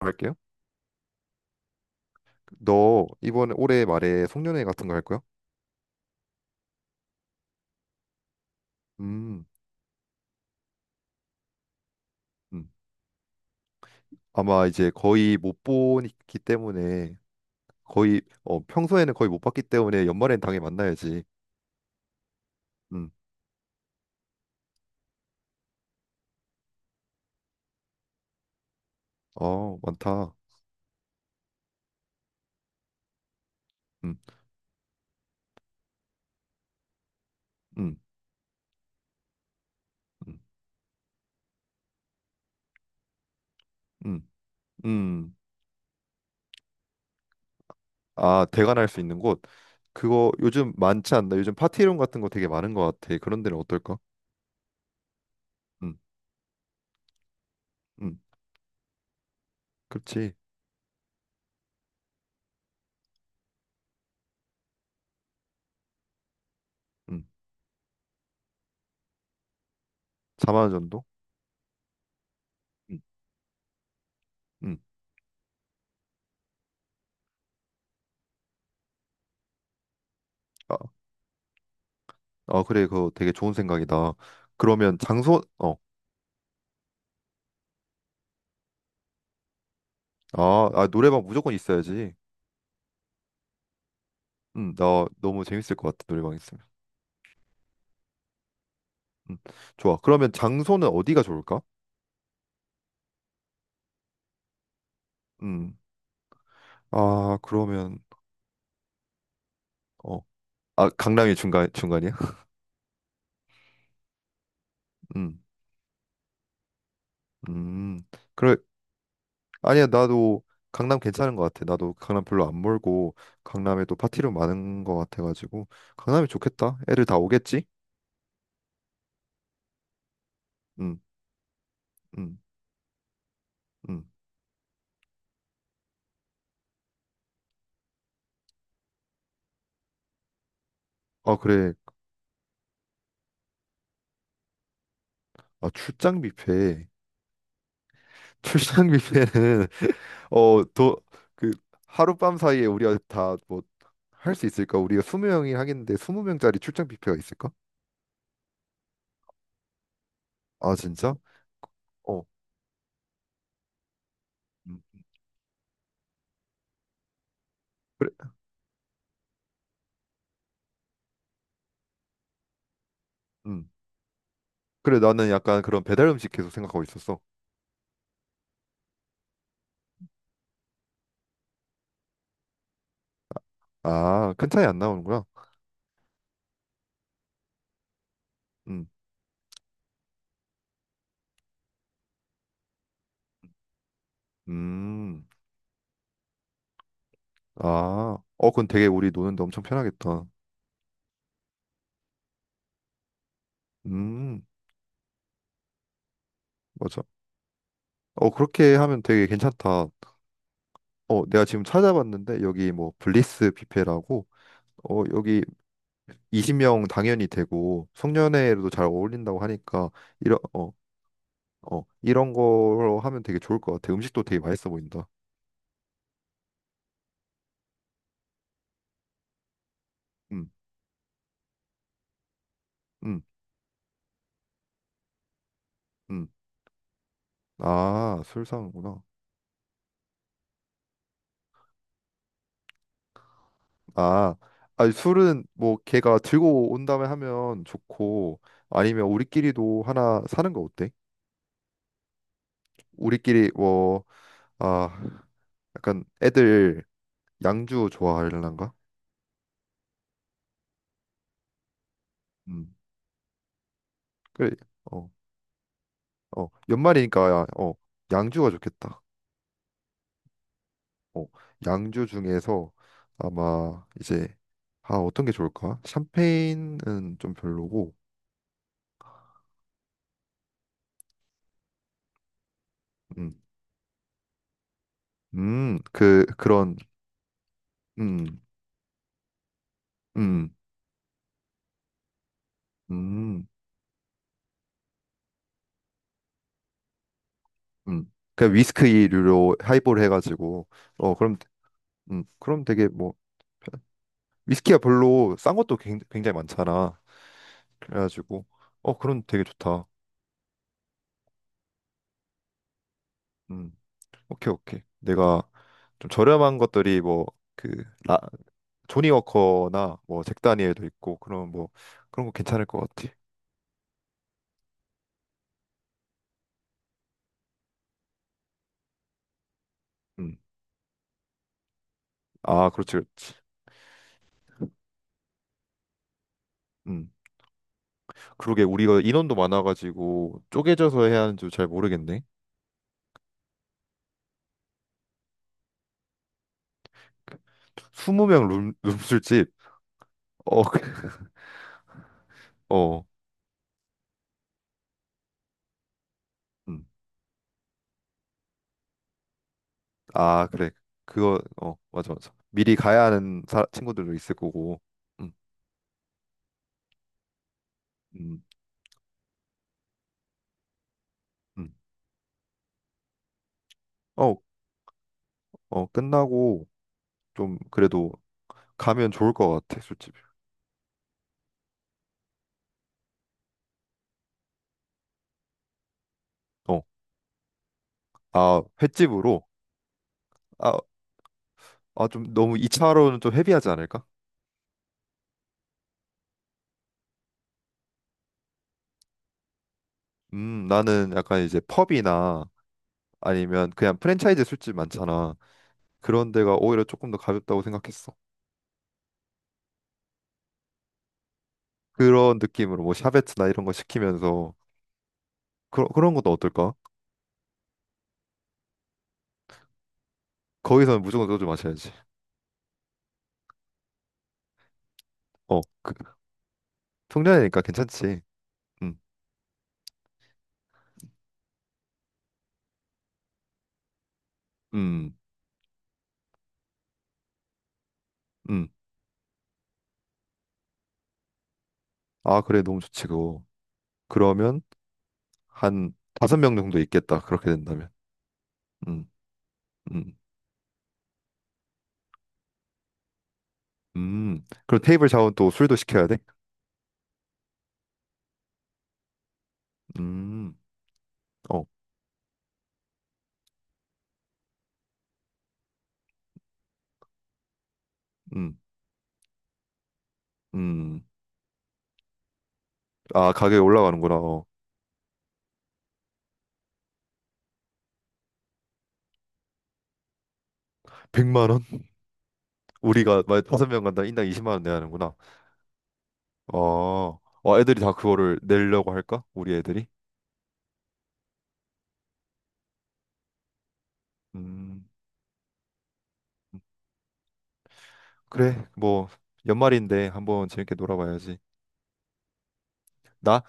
할게요. 너 이번에 올해 말에 송년회 같은 거 할 거야? 음, 음. 아마 이제 거의 못 보기 때문에 거의 평소에는 거의 못 봤기 때문에 연말엔 당연히 만나야지. 음, 어, 많다. 음, 음, 음, 음, 음. 아, 대관할 수 있는 곳. 그거 요즘 많지 않나? 요즘 파티룸 같은 거 되게 많은 것 같아. 그런 데는 어떨까? 음, 음, 그렇지. 음, 4만 원 정도? 음, 음. 아, 아, 그래. 그거 되게 좋은 생각이다. 그러면 장소, 어. 아, 아, 노래방 무조건 있어야지. 나 너무 재밌을 것 같아, 노래방 있으면. 음, 좋아. 그러면 장소는 어디가 좋을까? 음, 아, 그러면, 어, 아, 강남이 중간, 중간이야? 음, 음, 그래. 아니야, 나도 강남 괜찮은 것 같아. 나도 강남 별로 안 멀고, 강남에도 파티룸 많은 것 같아가지고, 강남이 좋겠다. 애들 다 오겠지? 음, 음, 음. 아, 그래. 아, 출장 뷔페. 출장 뷔페는 어도그 하룻밤 사이에 우리가 다 뭐 할 수 있을까? 우리가 스무 명이 하겠는데 20명짜리 출장 뷔페가 있을까? 아 진짜? 어. 음. 그래. 음. 그래, 나는 약간 그런 배달 음식 계속 생각하고 있었어. 아, 큰 차이 안 나오는구나. 음. 음. 아. 어, 그건 되게 우리 노는데 엄청 편하겠다. 음. 맞아. 어, 그렇게 하면 되게 괜찮다. 어, 내가 지금 찾아봤는데 여기 뭐 블리스 뷔페라고 어, 여기 20명 당연히 되고 송년회로도 잘 어울린다고 하니까 이런 어, 어, 이런 걸로 하면 되게 좋을 것 같아. 음식도 되게 맛있어 보인다. 음, 음, 음. 아, 술 사는구나. 아, 아니 술은 뭐 걔가 들고 온 다음에 하면 좋고 아니면 우리끼리도 하나 사는 거 어때? 우리끼리 뭐 아, 약간 애들 양주 좋아하려나? 음. 그래. 어, 어. 연말이니까 어, 양주가 좋겠다. 어, 양주 중에서 아마 이제 아 어떤 게 좋을까? 샴페인은 좀 별로고, 음, 그 그런, 음, 음, 음, 그냥 위스키류로 하이볼 해가지고, 어 그럼, 그럼 되게 뭐 편- 위스키가 별로 싼 것도 굉장히 많잖아. 그래가지고, 어 그럼 되게 좋다. 음, 오케이 오케이. 내가 좀 저렴한 것들이 뭐그 조니 워커나 뭐 잭 다니엘도 있고 그런 뭐 그런 거 괜찮을 것 같아. 음. 아, 그렇지. 그렇지. 음. 그러게, 우리가 인원도 많아가지고 쪼개져서 해야 하는지 잘 모르겠네. 20명 룸 룸술집. 어, 어. 음. 아, 그래. 그거 어, 맞아 맞아. 미리 가야 하는 친구들도 있을 거고. 음. 음. 음. 어, 어, 끝나고 좀 그래도 가면 좋을 것 같아, 술집. 어. 아, 횟집으로 아, 아, 좀 너무 2차로는 좀 헤비하지 않을까? 나는 약간 이제 펍이나 아니면 그냥 프랜차이즈 술집 많잖아. 그런 데가 오히려 조금 더 가볍다고 생각했어. 그런 느낌으로 뭐 샤베트나 이런 거 시키면서 그런 것도 어떨까? 거기서는 무조건 소주 마셔야지. 어, 그, 송년회니까 괜찮지. 음, 음, 음. 아, 그래, 너무 좋지 그거. 그러면 한 다섯 명 정도 있겠다. 그렇게 된다면. 음, 음, 그럼 테이블 자원 또 술도 시켜야 돼? 음, 어, 음, 음. 아, 가격이 올라가는구나. 어. 만 원? 우리가 만약 다섯 명 간다 인당 20만 원 내야 하는구나. 어, 어, 애들이 다 그거를 내려고 할까? 우리 애들이? 음, 그래. 뭐 연말인데 한번 재밌게 놀아봐야지. 나?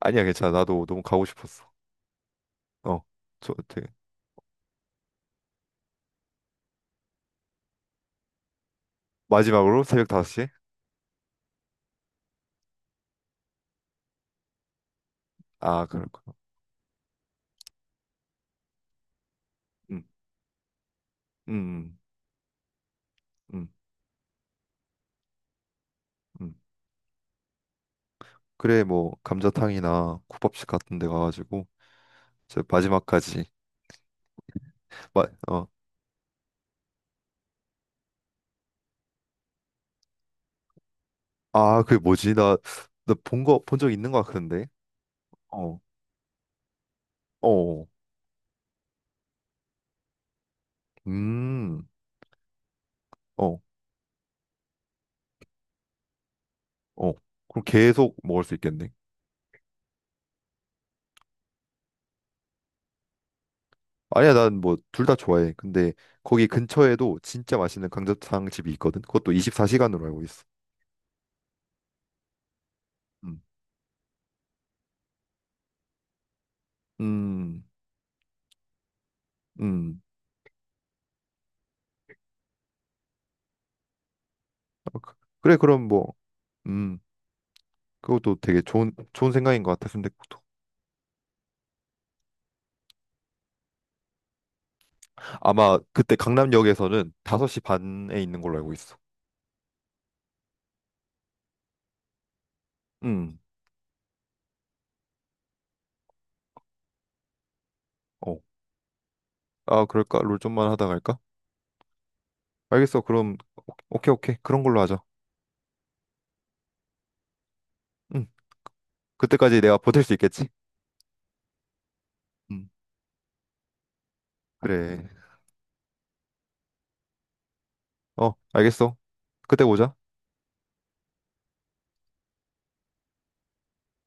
아니야, 괜찮아. 나도 너무 가고 싶었어. 어, 저 되게 마지막으로 새벽 5시에? 아, 그렇구나. 음, 음, 음, 음. 그래, 뭐 감자탕이나 국밥집 같은 데 가가지고 저 마지막까지 마, 어, 아, 그게 뭐지? 나, 나 본 거, 본 적 있는 것 같은데. 어, 어, 음. 어, 어. 그럼 계속 먹을 수 있겠네. 아니야, 난 뭐 둘 다 좋아해. 근데 거기 근처에도 진짜 맛있는 감자탕 집이 있거든. 그것도 24시간으로 알고 있어. 음, 음, 음. 어, 그- 그래, 그럼 뭐, 음, 그것도 되게 좋은 생각인 것 같아. 순댓국도. 아마 그때 강남역에서는 5시 반에 있는 걸로 알고 있어. 음, 어. 아, 그럴까? 롤 좀만 하다 갈까? 알겠어. 그럼 오케이, 오케이. 그런 걸로 하자. 음, 그때까지 내가 버틸 수 있겠지? 음, 그래. 어, 알겠어. 그때 보자.